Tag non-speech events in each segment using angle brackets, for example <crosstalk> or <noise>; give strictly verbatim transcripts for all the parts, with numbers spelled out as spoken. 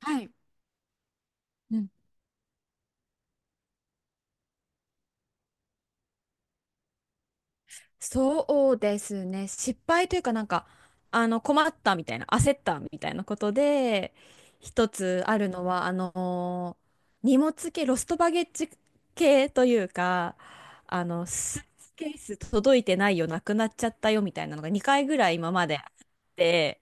はい。うん。そうですね。失敗というかなんか、あの、困ったみたいな、焦ったみたいなことで、一つあるのは、あのー荷物系、ロストバゲッジ系というか、あの、スーツケース届いてないよ、なくなっちゃったよみたいなのがにかいぐらい今まであって、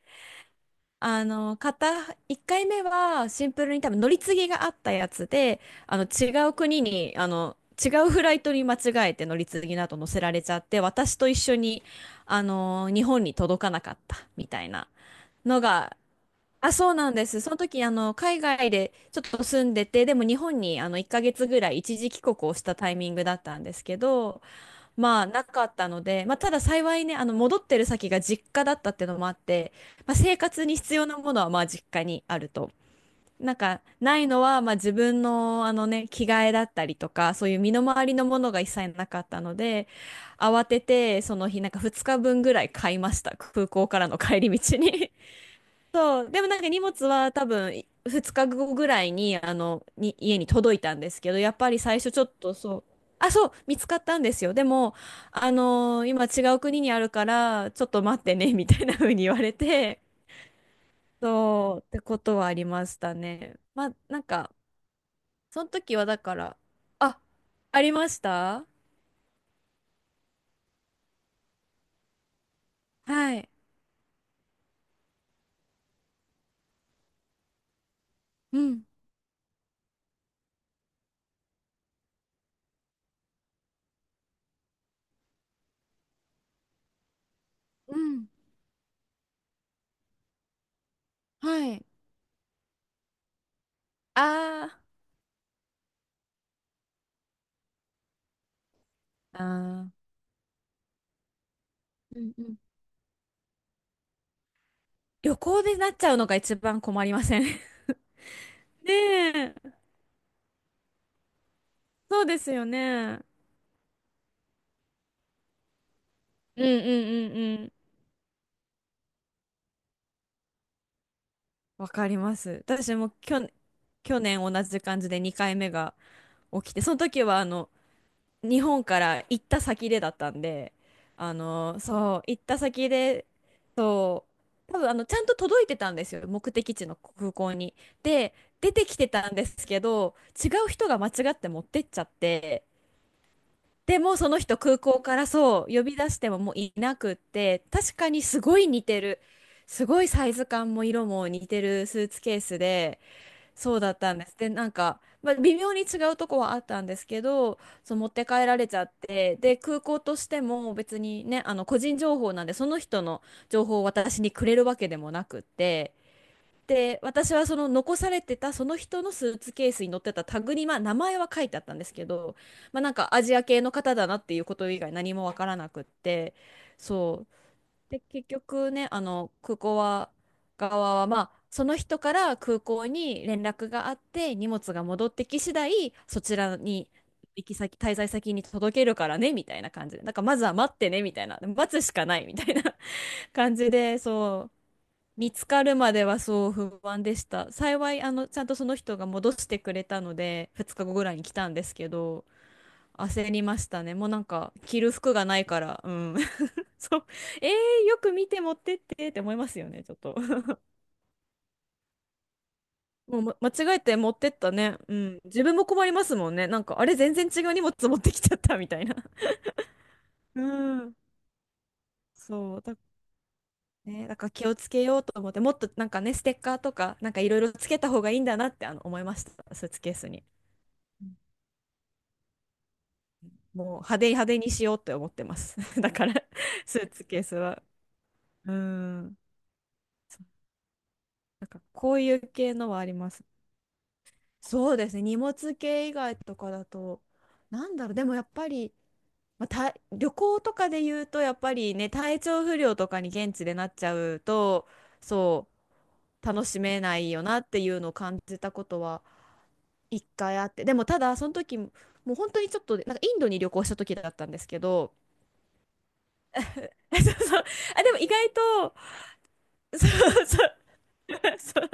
あの、片、いっかいめはシンプルに多分乗り継ぎがあったやつで、あの、違う国に、あの、違うフライトに間違えて乗り継ぎなど乗せられちゃって、私と一緒に、あの、日本に届かなかったみたいなのが、あ、そうなんです。その時、あの、海外でちょっと住んでて、でも日本に、あの、いっかげつぐらい一時帰国をしたタイミングだったんですけど、まあなかったので、まあ、ただ幸いね、あの戻ってる先が実家だったっていうのもあって、まあ、生活に必要なものはまあ実家にあると。なんかないのはまあ自分のあのね、着替えだったりとか、そういう身の回りのものが一切なかったので、慌ててその日なんかふつかぶんぐらい買いました。空港からの帰り道に。そう、でもなんか荷物は多分ふつかごぐらいに、あの、に家に届いたんですけど、やっぱり最初ちょっとそう、あ、そう、見つかったんですよ。でも、あのー今違う国にあるから、ちょっと待ってね、みたいな風に言われて、そう、ってことはありましたね。まあ、なんか、その時はだから、あ、ありました。はい。うん、うん、はい。あー、あー、うんうん。旅行でなっちゃうのが一番困りません？ <laughs> ねえ。そうですよね。うんうんうんうん。わかります。私もきょ、去年同じ感じでにかいめが起きて、その時はあの日本から行った先でだったんで、あの、そう、行った先で、そう、多分あのちゃんと届いてたんですよ、目的地の空港に。で、出てきてたんですけど、違う人が間違って持ってっちゃって、でもその人空港からそう呼び出してももういなくって、確かにすごい似てる、すごいサイズ感も色も似てるスーツケースで、そうだったんです。でなんか、まあ、微妙に違うとこはあったんですけど、そう持って帰られちゃって、で空港としても別にね、あの個人情報なんでその人の情報を私にくれるわけでもなくって、で、私はその残されてたその人のスーツケースに載ってたタグに、まあ、名前は書いてあったんですけど、まあ、なんかアジア系の方だなっていうこと以外何もわからなくって、そう。で、結局ね、あの、空港は、側は、まあ、その人から空港に連絡があって、荷物が戻ってき次第、そちらに、行き先、滞在先に届けるからね、みたいな感じで。なんか、まずは待ってね、みたいな。待つしかない、みたいな <laughs> 感じで、そう。見つかるまではそう不安でした。幸い、あの、ちゃんとその人が戻してくれたので、ふつかごぐらいに来たんですけど、焦りましたね。もうなんか、着る服がないから、うん。<laughs> そう。えー、よく見て持ってってって思いますよね、ちょっと。<laughs> もう、ま、間違えて持ってったね。うん。自分も困りますもんね。なんか、あれ、全然違う荷物持ってきちゃったみたいな。うん。そう。だ、ね、だから気をつけようと思って、もっとなんかね、ステッカーとか、なんかいろいろつけた方がいいんだなって、あの、思いました。スーツケースに。もう派手派手にしようって思ってます。<laughs> だから、スーツケースは。うん。そう。なんか、こういう系のはあります。そうですね。荷物系以外とかだと、なんだろう、でもやっぱり、まあ、た旅行とかで言うと、やっぱりね、体調不良とかに現地でなっちゃうと、そう、楽しめないよなっていうのを感じたことは一回あって。でも、ただ、その時、もう本当にちょっと、なんかインドに旅行した時だったんですけど、<laughs> そうそう。あ、でも意外と <laughs> そうそう。そう。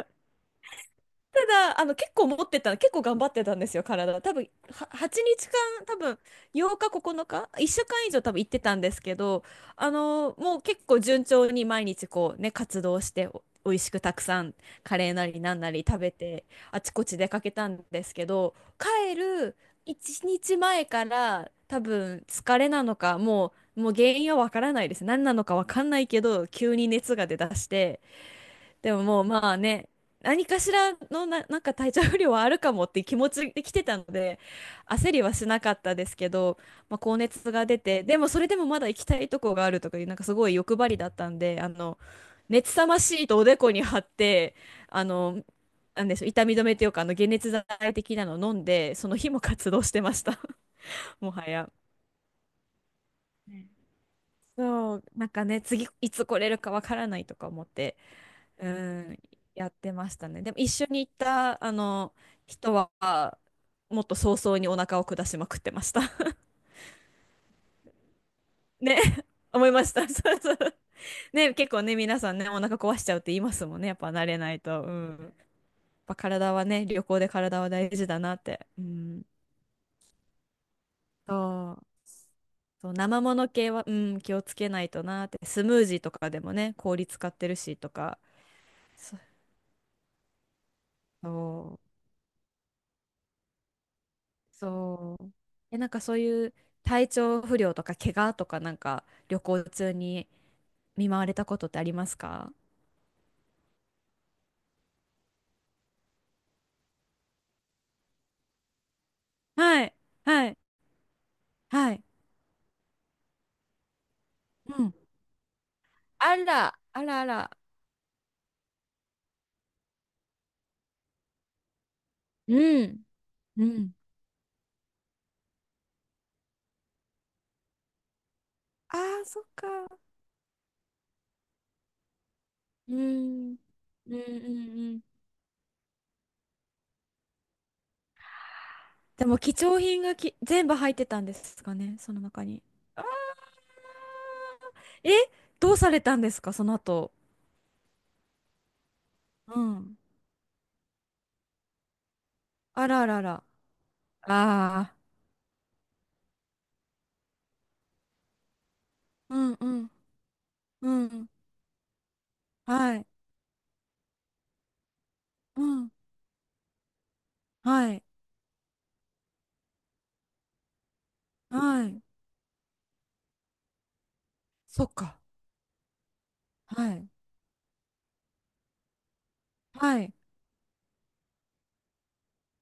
ただ、あの、結構持ってた、結構頑張ってたんですよ、体。多分、ははちにちかん、多分、ようか、ここのか、いっしゅうかん以上多分行ってたんですけど、あの、もう結構順調に毎日こうね、活動して、お、美味しくたくさん、カレーなりなんなり食べて、あちこち出かけたんですけど、帰るいちにちまえから、多分、疲れなのか、もう、もう原因はわからないです。何なのかわかんないけど、急に熱が出だして、でももうまあね、何かしらのな、なんか体調不良はあるかもっていう気持ちで来てたので、焦りはしなかったですけど、まあ、高熱が出て、でもそれでもまだ行きたいとこがあるとかいう、なんかすごい欲張りだったんで、あの、熱さまシートをおでこに貼って、あの、なんでしょう、痛み止めっていうか、あの、解熱剤的なのを飲んで、その日も活動してました、<laughs> もはや。そう、なんかね、次いつ来れるかわからないとか思って。うん、やってましたね。でも一緒に行ったあの人はもっと早々にお腹を下しまくってました。<laughs> ね、思いました。<laughs> そうそう。ね、結構ね、皆さんね、お腹壊しちゃうって言いますもんね。やっぱ慣れないと。うん。やっぱ体はね、旅行で体は大事だなって。うん。そう。そう、生もの系は、うん、気をつけないとなって。スムージーとかでもね、氷使ってるしとか。そう。そう。え、なんかそういう体調不良とか怪我とかなんか旅行中に見舞われたことってありますか？はい、はい、はい。うん。あら、あらあら。うん。うん。ああ、そっか。うん。うんうんうん。でも貴重品がき全部入ってたんですかね、その中に。あー。え、どうされたんですか、その後。うん。あらあらあら。ああ。うんうん。うんはい。うん。はい。はい。そっか。はい。はい。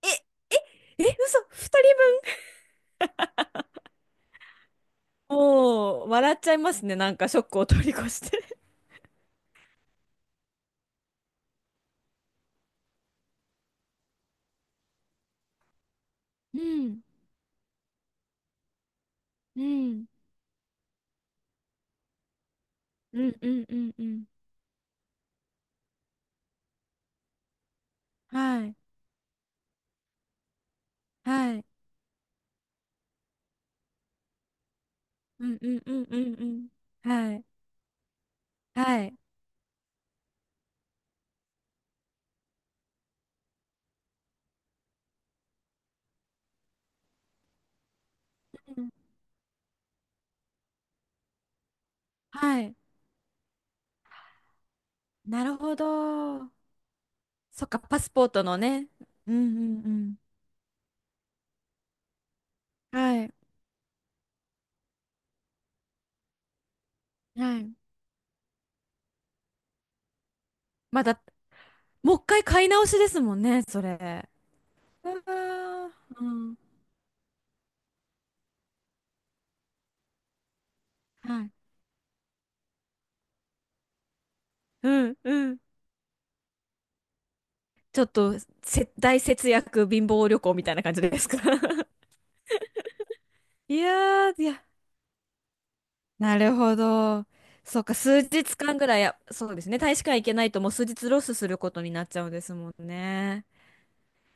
え、え、え、嘘、ふたりぶん。もう、笑っちゃいますね。なんかショックを通り越して。うん。うん。うんうんうんうん。はい。はい。うんうんうんうんうん。はい。はい。うんはい。なるほど。そっか、パスポートのね。うんうんうん。はい。はい。まだ、もういっかい買い直しですもんね、それ。うわーうんはい。うんうん。ちょっとせ大節約貧乏旅行みたいな感じですか？ <laughs> いやー、いや、なるほど。そうか、数日間ぐらい、やそうですね。大使館行けないともう数日ロスすることになっちゃうんですもんね。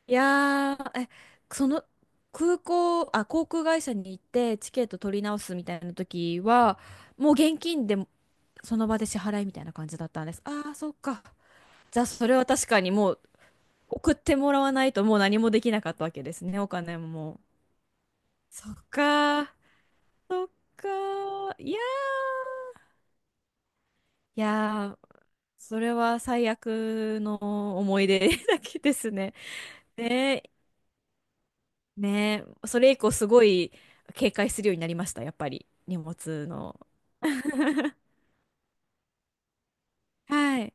いやー、え、その空港、あ、航空会社に行ってチケット取り直すみたいな時は、もう現金でその場で支払いみたいな感じだったんです。あー、そっか。じゃあ、それは確かにもう送ってもらわないともう何もできなかったわけですね、お金ももう。そっかー、そっかー、いやー、いやー、それは最悪の思い出 <laughs> だけですね。ねえ、ねえ、それ以降すごい警戒するようになりました、やっぱり、荷物の。<laughs> はい、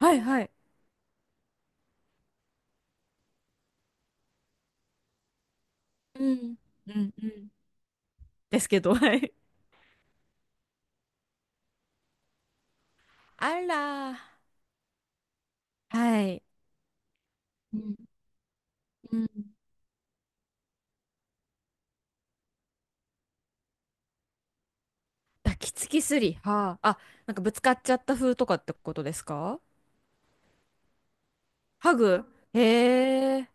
はい、はい。うん、うん、うん。ですけど、はい。あらー、はい。うん、うん。抱きつきすり。はあ。あ、なんかぶつかっちゃった風とかってことですか？ハグ、へえ。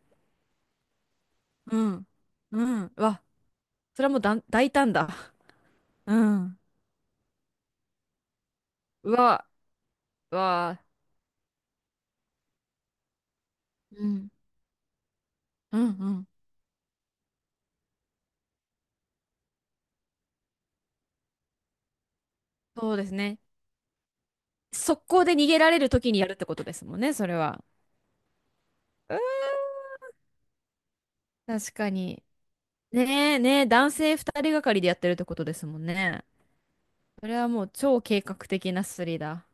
うん。うん。うわ、それはもうだん大胆だ。うん。うわ、うわ。うん。うんうん。そうですね。速攻で逃げられる時にやるってことですもんね、それは。うーん、確かに。ねえ、ねえ、男性二人がかりでやってるってことですもんね。それはもう超計画的なスリだ。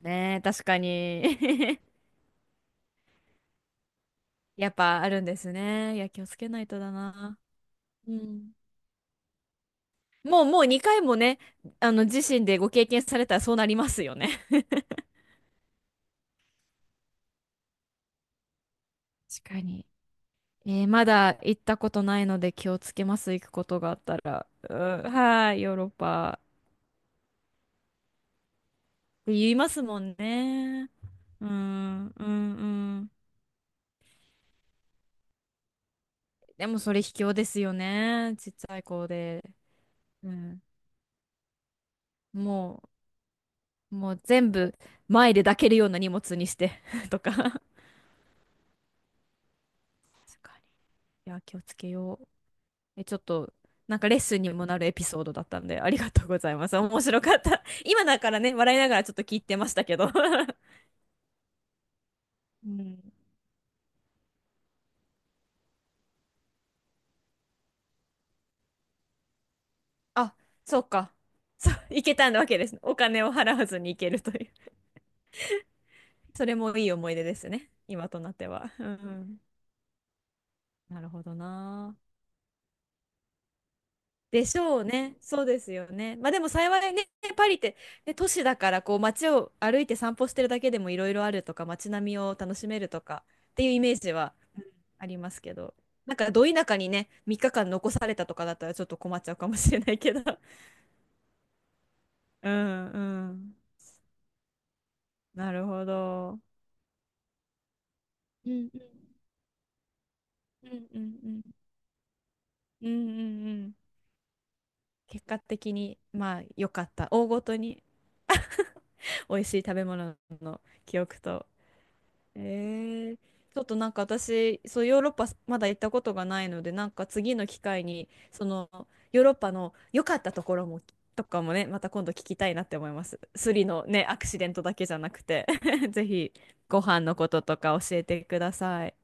ねえ、確かに。<laughs> やっぱあるんですね。いや、気をつけないとだな。うん。もう、もうにかいもね、あの、自身でご経験されたらそうなりますよね。確かに。えーまだ行ったことないので気をつけます。行くことがあったら。うん、はい、ヨーロッパ。言いますもんね。うん、うん、うん。でもそれ卑怯ですよね。ちっちゃい子で。うん。もう、もう全部前で抱けるような荷物にして <laughs> とか。確かに。いや、気をつけよう。え、ちょっと、なんかレッスンにもなるエピソードだったんで、ありがとうございます。面白かった。<laughs> 今だからね、笑いながらちょっと聞いてましたけど。うん。あ、そうか。そう、いけたわけですね。お金を払わずに行けるという。それもいい思い出ですね。今となっては。うん。なるほどな。でしょうね。そうですよね。まあでも幸いね、パリって、ね、都市だからこう街を歩いて散歩してるだけでもいろいろあるとか、街並みを楽しめるとかっていうイメージはありますけど。なんか、ど田舎にね、みっかかん残されたとかだったらちょっと困っちゃうかもしれないけど。<laughs> うんうん。なるほど。うんうんうんうんうんうんうんうん。結果的にまあ良かった、大ごとに。美味しい食べ物の記憶と、えー、ちょっとなんか私、そうヨーロッパまだ行ったことがないので、なんか次の機会に、そのヨーロッパの良かったところも、とかもね、また今度聞きたいなって思います。スリのね、アクシデントだけじゃなくて <laughs> ぜひご飯のこととか教えてください。